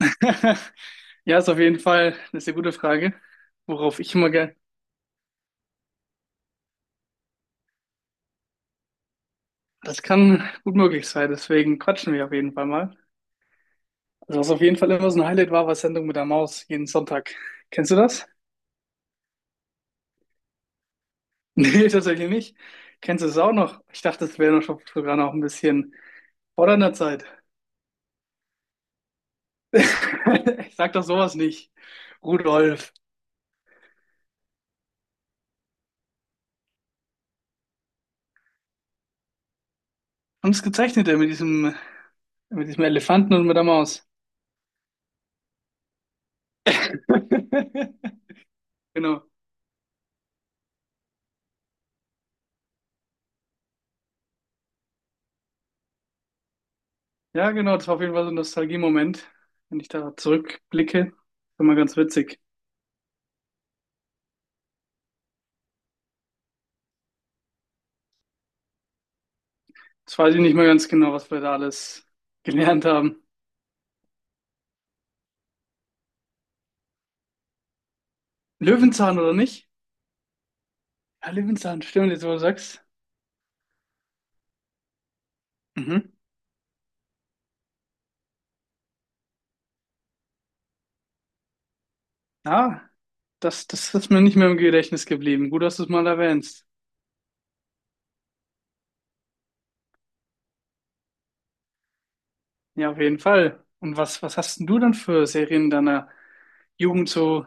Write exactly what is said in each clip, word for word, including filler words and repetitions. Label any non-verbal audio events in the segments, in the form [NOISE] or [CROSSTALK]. [LAUGHS] Ja, ist auf jeden Fall eine sehr gute Frage, worauf ich immer gerne. Das kann gut möglich sein, deswegen quatschen wir auf jeden Fall mal. Also was auf jeden Fall immer so ein Highlight war, war Sendung mit der Maus jeden Sonntag. Kennst du das? [LAUGHS] Nee, tatsächlich nicht. Kennst du es auch noch? Ich dachte, das wäre noch schon- sogar noch ein bisschen vor deiner Zeit. [LAUGHS] Ich sag doch sowas nicht. Rudolf. Haben es gezeichnet, der mit diesem, mit diesem Elefanten und mit der Maus. [LAUGHS] Genau. Ja, genau, das war auf jeden Fall so ein Nostalgie-Moment. Wenn ich da zurückblicke, ist immer ganz witzig. Jetzt weiß ich nicht mehr ganz genau, was wir da alles gelernt haben. Löwenzahn oder nicht? Ja, Löwenzahn, stimmt, jetzt wo du sagst. Mhm. Ja, das, das ist mir nicht mehr im Gedächtnis geblieben. Gut, dass du es mal erwähnst. Ja, auf jeden Fall. Und was, was hast denn du dann für Serien deiner Jugend so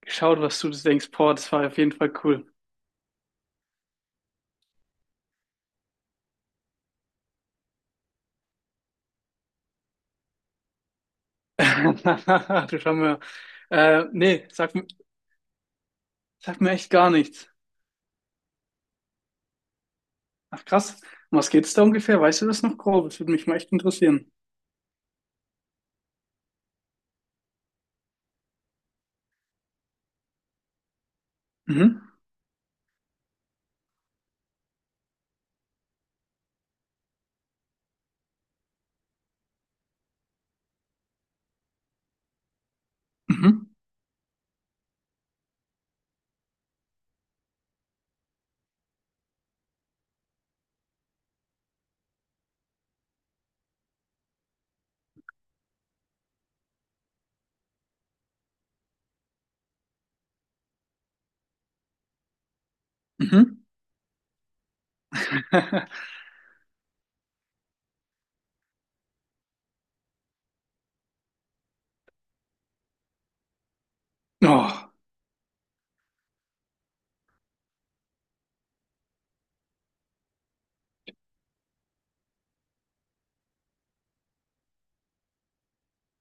geschaut, was du denkst, boah, das war auf jeden Fall cool. [LAUGHS] Du schau mir. Äh, nee, sag, mir- sag mir echt gar nichts. Ach krass. Um was geht's da ungefähr? Weißt du das noch grob? Das würde mich mal echt interessieren. Mhm. Mhm. Mhm. [LAUGHS] Oh,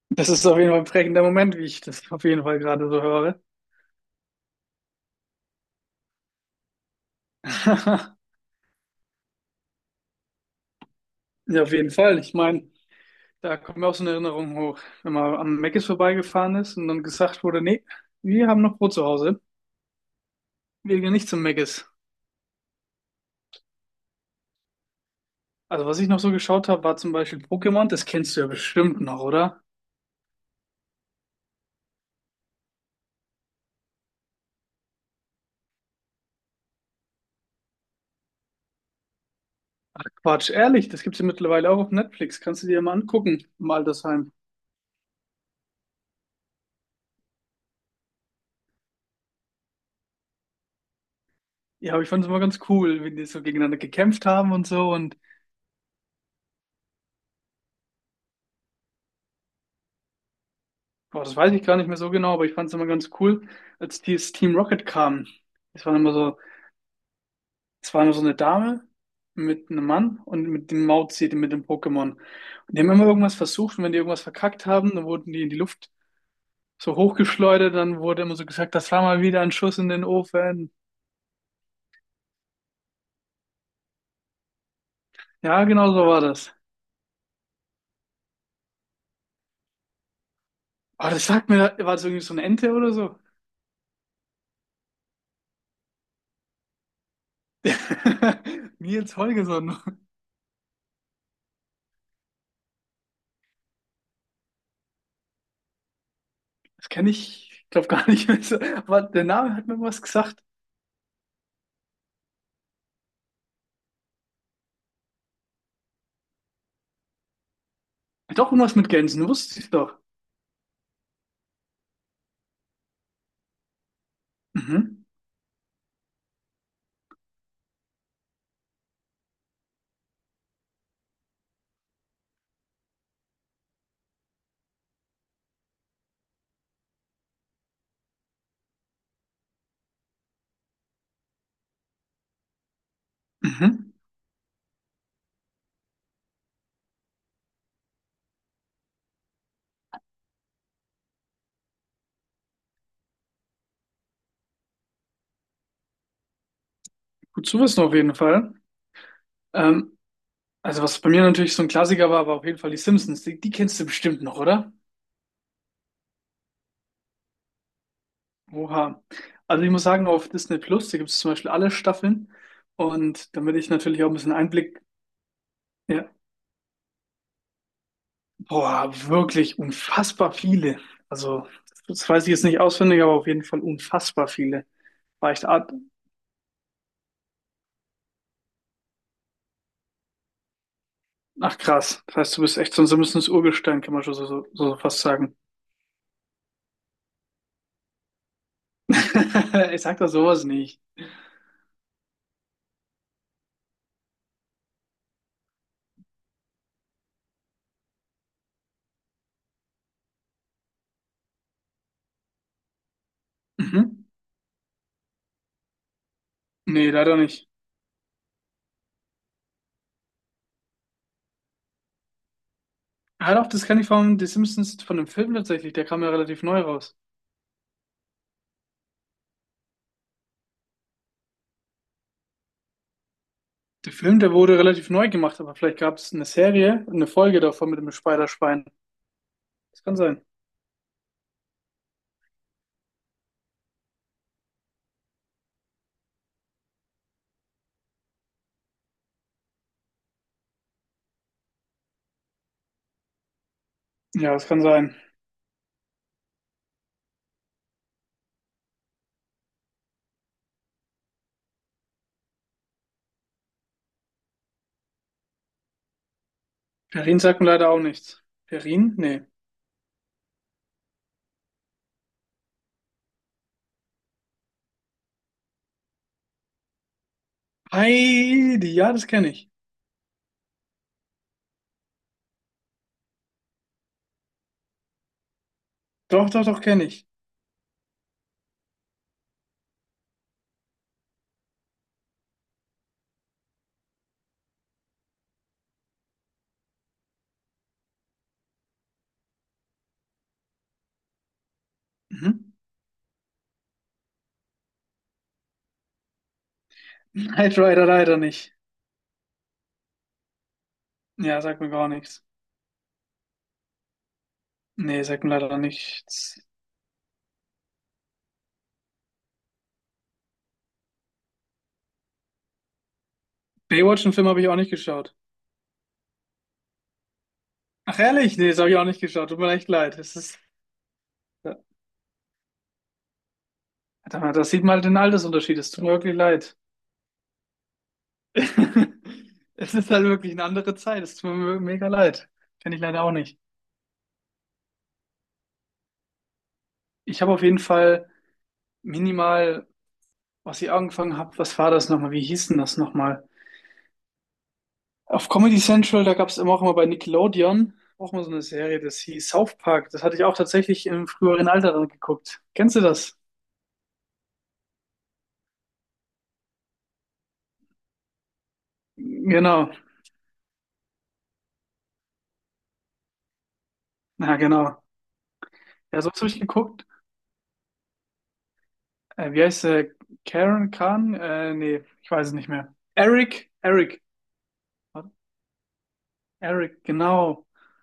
das ist auf jeden Fall ein prägender Moment, wie ich das auf jeden Fall gerade so höre. [LAUGHS] Ja, auf jeden Fall. Ich meine, da kommt mir auch so eine Erinnerung hoch, wenn man am Mc's vorbeigefahren ist und dann gesagt wurde: nee, wir haben noch Brot zu Hause, wir gehen nicht zum Mc's. Also was ich noch so geschaut habe, war zum Beispiel Pokémon, das kennst du ja bestimmt noch, oder? Ach Quatsch, ehrlich, das gibt's ja mittlerweile auch auf Netflix, kannst du dir mal angucken im Altersheim. Ja, aber ich fand es immer ganz cool, wenn die so gegeneinander gekämpft haben und so. Und boah, das weiß ich gar nicht mehr so genau, aber ich fand es immer ganz cool, als dieses Team Rocket kam. Es war immer so, Es war immer so eine Dame mit einem Mann und mit dem Mauzi, mit dem Pokémon. Und die haben immer irgendwas versucht, und wenn die irgendwas verkackt haben, dann wurden die in die Luft so hochgeschleudert, dann wurde immer so gesagt, das war mal wieder ein Schuss in den Ofen. Ja, genau so war das. Aber das sagt mir, war das irgendwie so eine Ente oder so? [LAUGHS] Nils Holgersson. Das kenne ich, ich glaube, gar nicht mehr so. Aber der Name hat mir was gesagt. Hat auch irgendwas mit Gänsen, wusste ich doch. Mhm. Mhm. Gut zu wissen auf jeden Fall. Ähm, also was bei mir natürlich so ein Klassiker war, war auf jeden Fall die Simpsons. Die, die kennst du bestimmt noch, oder? Oha. Also ich muss sagen, auf Disney Plus, da gibt es zum Beispiel alle Staffeln. Und damit ich natürlich auch ein bisschen Einblick, ja, boah, wirklich unfassbar viele. Also das weiß ich jetzt nicht auswendig, aber auf jeden Fall unfassbar viele. War echt. Ach krass, das heißt, du bist echt so ein simples Urgestein, kann man schon so, so, so fast sagen. [LAUGHS] Ich sag doch sowas nicht. Mhm. Nee, leider nicht. Halt auf, das kenne ich von The Simpsons, von dem Film tatsächlich, der kam ja relativ neu raus. Der Film, der wurde relativ neu gemacht, aber vielleicht gab es eine Serie, eine Folge davon mit dem Spider-Schwein. Das kann sein. Ja, das kann sein. Perrin sagt mir leider auch nichts. Perrin? Nee. Heidi, ja, das kenne ich. Doch, doch, doch, kenne ich. Mhm. [LAUGHS] Knight Rider leider nicht. Ja, sagt mir gar nichts. Nee, sagt mir leider nichts. Baywatch, einen Film habe ich auch nicht geschaut. Ach ehrlich? Nee, das habe ich auch nicht geschaut. Tut mir echt leid. Das ist, ja, verdammt, das sieht man halt den Altersunterschied. Es tut mir wirklich leid. [LAUGHS] Es ist halt wirklich eine andere Zeit. Es tut mir mega leid. Kenne ich leider auch nicht. Ich habe auf jeden Fall minimal, was ich angefangen habe, was war das nochmal? Wie hieß denn das nochmal? Auf Comedy Central, da gab es immer, auch immer bei Nickelodeon, auch mal so eine Serie, das hieß South Park. Das hatte ich auch tatsächlich im früheren Alter dann geguckt. Kennst du das? Genau. Ja, genau. Ja, sonst habe ich geguckt. Äh, wie heißt der? Karen Khan? Äh, nee, ich weiß es nicht mehr. Eric, Eric. Warte, Eric, genau.